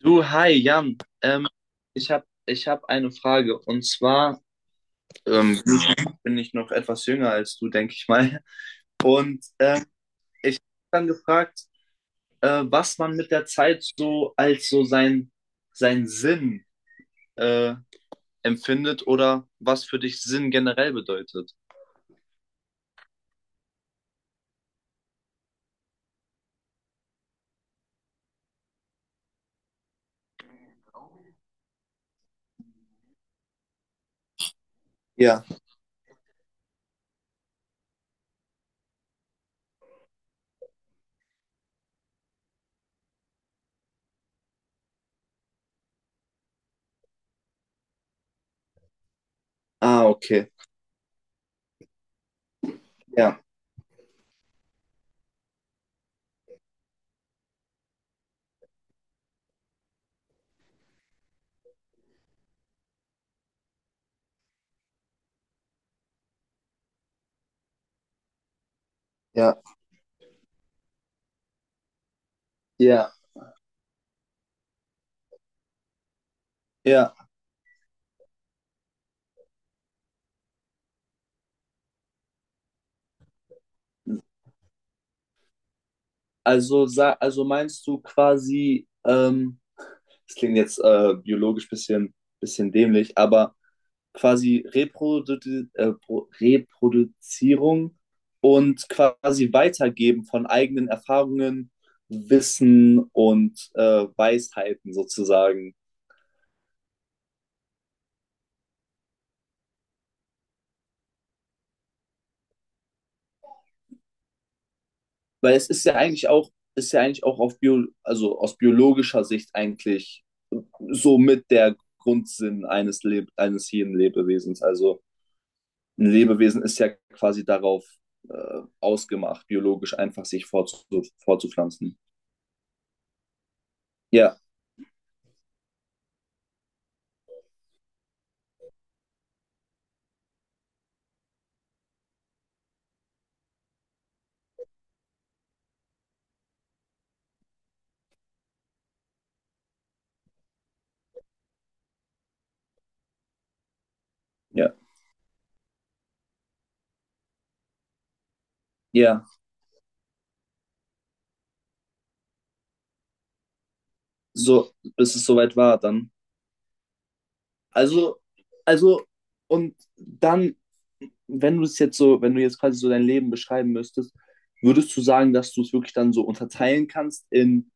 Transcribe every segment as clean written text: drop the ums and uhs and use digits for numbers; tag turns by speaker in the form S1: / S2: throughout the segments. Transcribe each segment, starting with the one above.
S1: Du, hi, Jan. Ich hab eine Frage. Und zwar ähm, bin ich noch etwas jünger als du, denke ich mal. Und ich habe dann gefragt, was man mit der Zeit so als sein Sinn äh, empfindet oder was für dich Sinn generell bedeutet. Ja, ah, okay. Ja, ja, ja, ja. Also, also meinst du quasi, das klingt jetzt biologisch bisschen, bisschen dämlich, aber quasi äh, Reproduzierung und quasi Weitergeben von eigenen Erfahrungen, Wissen und Weisheiten sozusagen. Weil es ist ja eigentlich auch, ist ja eigentlich auch auf also aus biologischer Sicht eigentlich so mit der Grundsinn eines jeden Lebewesens. Also ein Lebewesen ist ja quasi darauf ausgemacht, biologisch einfach sich fortzupflanzen. Ja, ja, ja. So, bis es soweit war dann. Also, also, und dann, wenn du es jetzt so, wenn du jetzt quasi so dein Leben beschreiben müsstest, würdest du sagen, dass du es wirklich dann so unterteilen kannst in: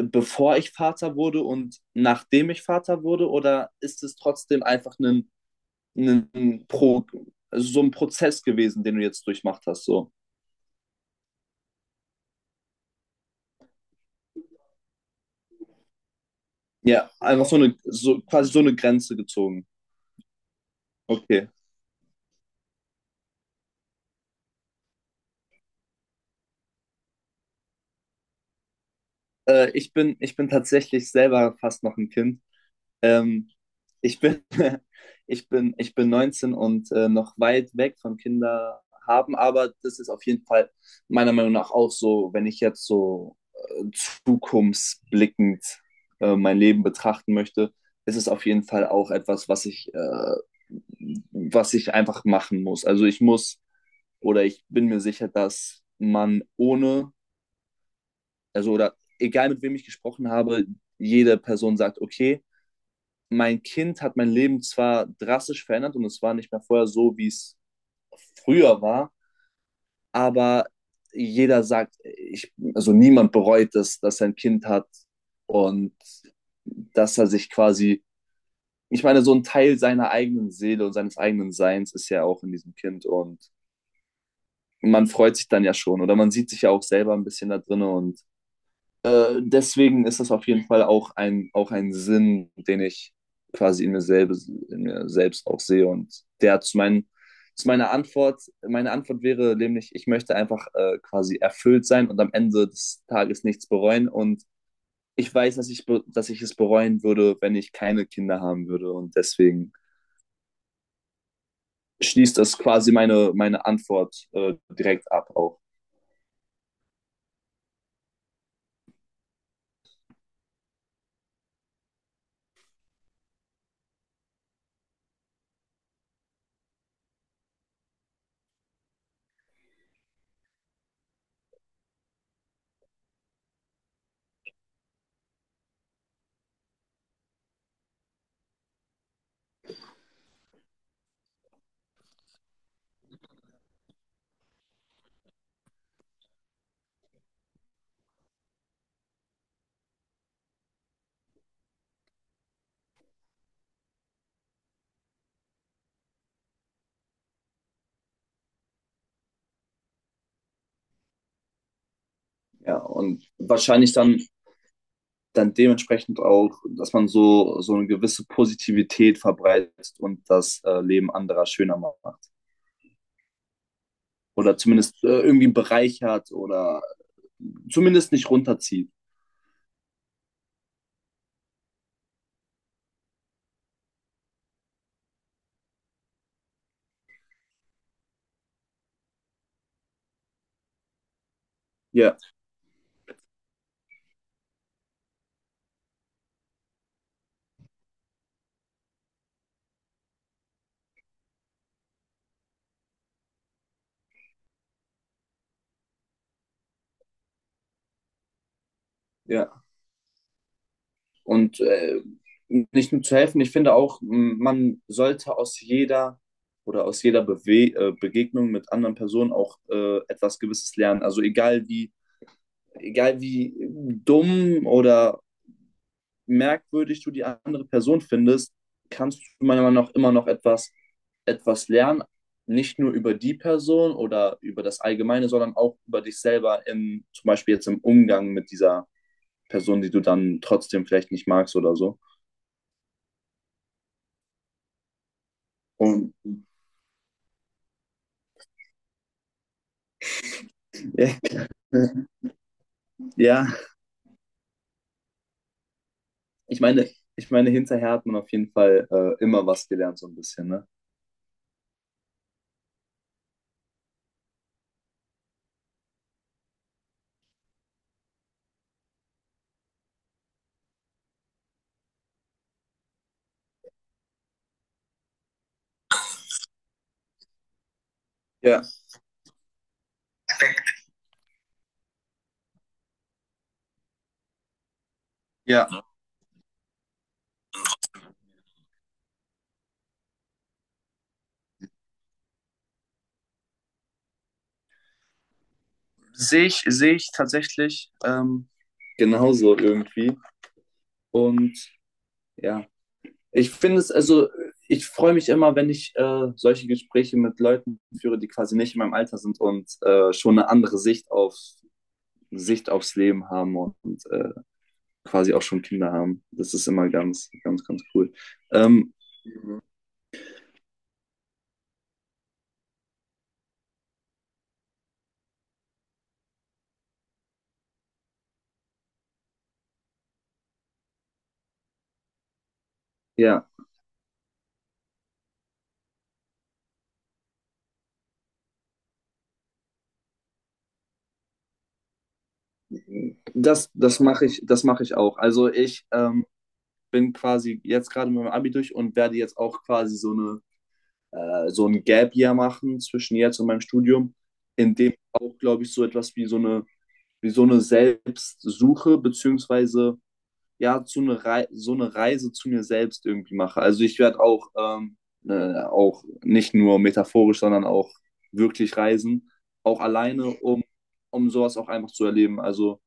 S1: bevor ich Vater wurde und nachdem ich Vater wurde? Oder ist es trotzdem einfach ein Pro, also so ein Prozess gewesen, den du jetzt durchmacht hast? So. Ja, einfach so eine, so, quasi so eine Grenze gezogen. Okay. Ich bin tatsächlich selber fast noch ein Kind. Ähm, ich bin, ich bin 19 und noch weit weg von Kinder haben, aber das ist auf jeden Fall meiner Meinung nach auch so. Wenn ich jetzt so zukunftsblickend mein Leben betrachten möchte, ist es auf jeden Fall auch etwas, was ich, was ich einfach machen muss. Also ich muss, oder ich bin mir sicher, dass man ohne, also oder egal mit wem ich gesprochen habe, jede Person sagt: okay, mein Kind hat mein Leben zwar drastisch verändert und es war nicht mehr vorher so, wie es früher war, aber jeder sagt, ich, also niemand bereut es, dass er ein Kind hat, und dass er sich quasi, ich meine, so ein Teil seiner eigenen Seele und seines eigenen Seins ist ja auch in diesem Kind, und man freut sich dann ja schon oder man sieht sich ja auch selber ein bisschen da drin. Und deswegen ist das auf jeden Fall auch ein Sinn, den ich quasi in mir selbst auch sehe. Und der hat zu meinen, zu meiner Antwort, meine Antwort wäre nämlich: ich möchte einfach quasi erfüllt sein und am Ende des Tages nichts bereuen. Und ich weiß, dass dass ich es bereuen würde, wenn ich keine Kinder haben würde. Und deswegen schließt das quasi meine, meine Antwort direkt ab auch. Ja, und wahrscheinlich dann dann dementsprechend auch, dass man so, so eine gewisse Positivität verbreitet und das Leben anderer schöner macht. Oder zumindest irgendwie einen Bereich hat oder zumindest nicht runterzieht. Ja, ja. Und nicht nur zu helfen, ich finde auch, man sollte aus jeder oder aus jeder Bewe Begegnung mit anderen Personen auch etwas Gewisses lernen. Also egal wie dumm oder merkwürdig du die andere Person findest, kannst du meiner Meinung nach immer noch etwas, etwas lernen. Nicht nur über die Person oder über das Allgemeine, sondern auch über dich selber, im, zum Beispiel jetzt im Umgang mit dieser Person, die du dann trotzdem vielleicht nicht magst oder so. Und ja, ich meine, ich meine, hinterher hat man auf jeden Fall immer was gelernt, so ein bisschen, ne? Ja, ja. Sehe ich tatsächlich genauso irgendwie. Und ja, ich finde es, also ich freue mich immer, wenn ich solche Gespräche mit Leuten führe, die quasi nicht in meinem Alter sind und schon eine andere Sicht auf Sicht aufs Leben haben, und quasi auch schon Kinder haben. Das ist immer ganz, ganz, ganz cool. Ähm, ja, das, das mache ich auch. Also ich bin quasi jetzt gerade mit meinem Abi durch und werde jetzt auch quasi so ein Gap Year machen zwischen jetzt und meinem Studium, in dem auch, glaube ich, so etwas wie so eine Selbstsuche, beziehungsweise ja, zu eine Rei so eine Reise zu mir selbst irgendwie mache. Also ich werde auch, auch nicht nur metaphorisch, sondern auch wirklich reisen, auch alleine, um, um sowas auch einfach zu erleben. Also,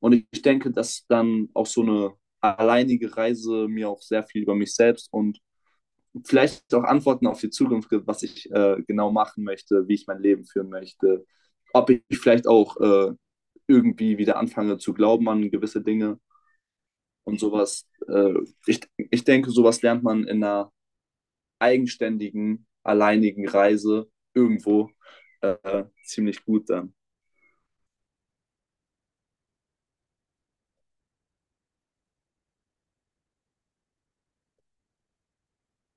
S1: und ich denke, dass dann auch so eine alleinige Reise mir auch sehr viel über mich selbst und vielleicht auch Antworten auf die Zukunft gibt, was ich genau machen möchte, wie ich mein Leben führen möchte, ob ich vielleicht auch irgendwie wieder anfange zu glauben an gewisse Dinge und sowas. Ich, ich denke, sowas lernt man in einer eigenständigen, alleinigen Reise irgendwo ziemlich gut dann.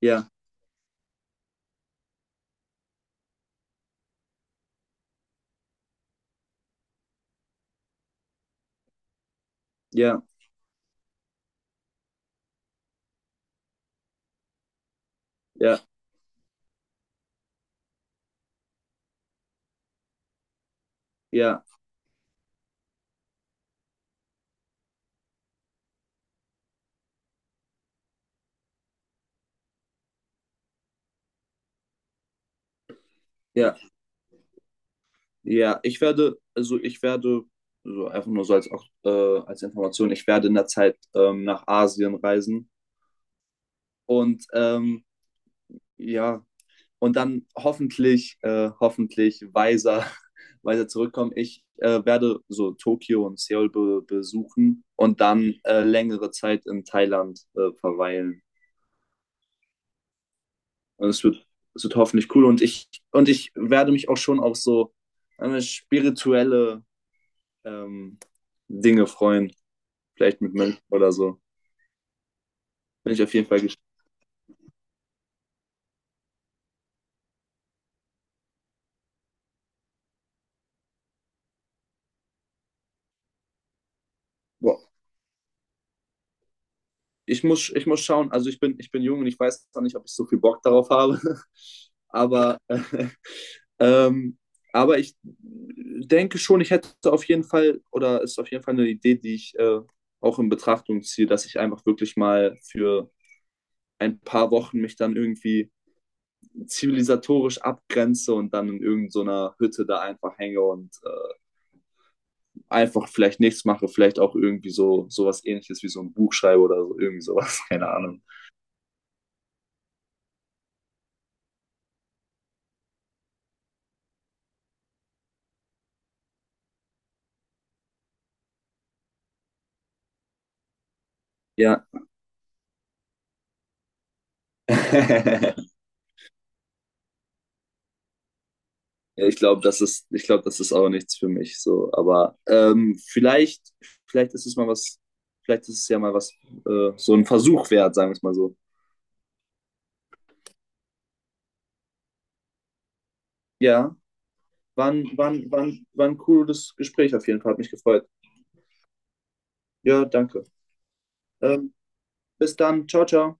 S1: Ja, ja, ja, ja, ja, ja. Ich werde, also ich werde so einfach nur so als, auch, als Information, ich werde in der Zeit nach Asien reisen. Und ja, und dann hoffentlich, hoffentlich weiser, weiser zurückkommen. Ich werde so Tokio und Seoul be besuchen und dann längere Zeit in Thailand verweilen. Und es wird hoffentlich cool. Und ich werde mich auch schon auf so spirituelle ähm, Dinge freuen. Vielleicht mit Mönchen oder so. Bin ich auf jeden Fall gespannt. Ich muss, ich muss schauen, also ich bin jung und ich weiß noch nicht, ob ich so viel Bock darauf habe. Aber, ähm, aber ich denke schon, ich hätte auf jeden Fall, oder ist auf jeden Fall eine Idee, die ich auch in Betrachtung ziehe, dass ich einfach wirklich mal für ein paar Wochen mich dann irgendwie zivilisatorisch abgrenze und dann in irgendeiner Hütte da einfach hänge und einfach vielleicht nichts mache, vielleicht auch irgendwie so sowas Ähnliches wie so ein Buch schreibe oder so, irgendwie sowas, keine Ahnung. Ja. Ja, ich glaube, das ist, ich glaube, das ist auch nichts für mich so. Aber vielleicht, vielleicht ist es mal was, vielleicht ist es ja mal was, so ein Versuch wert, sagen wir es mal so. Ja, war ein, war ein, war ein, war ein cooles Gespräch auf jeden Fall, hat mich gefreut. Ja, danke. Ähm, bis dann, ciao, ciao.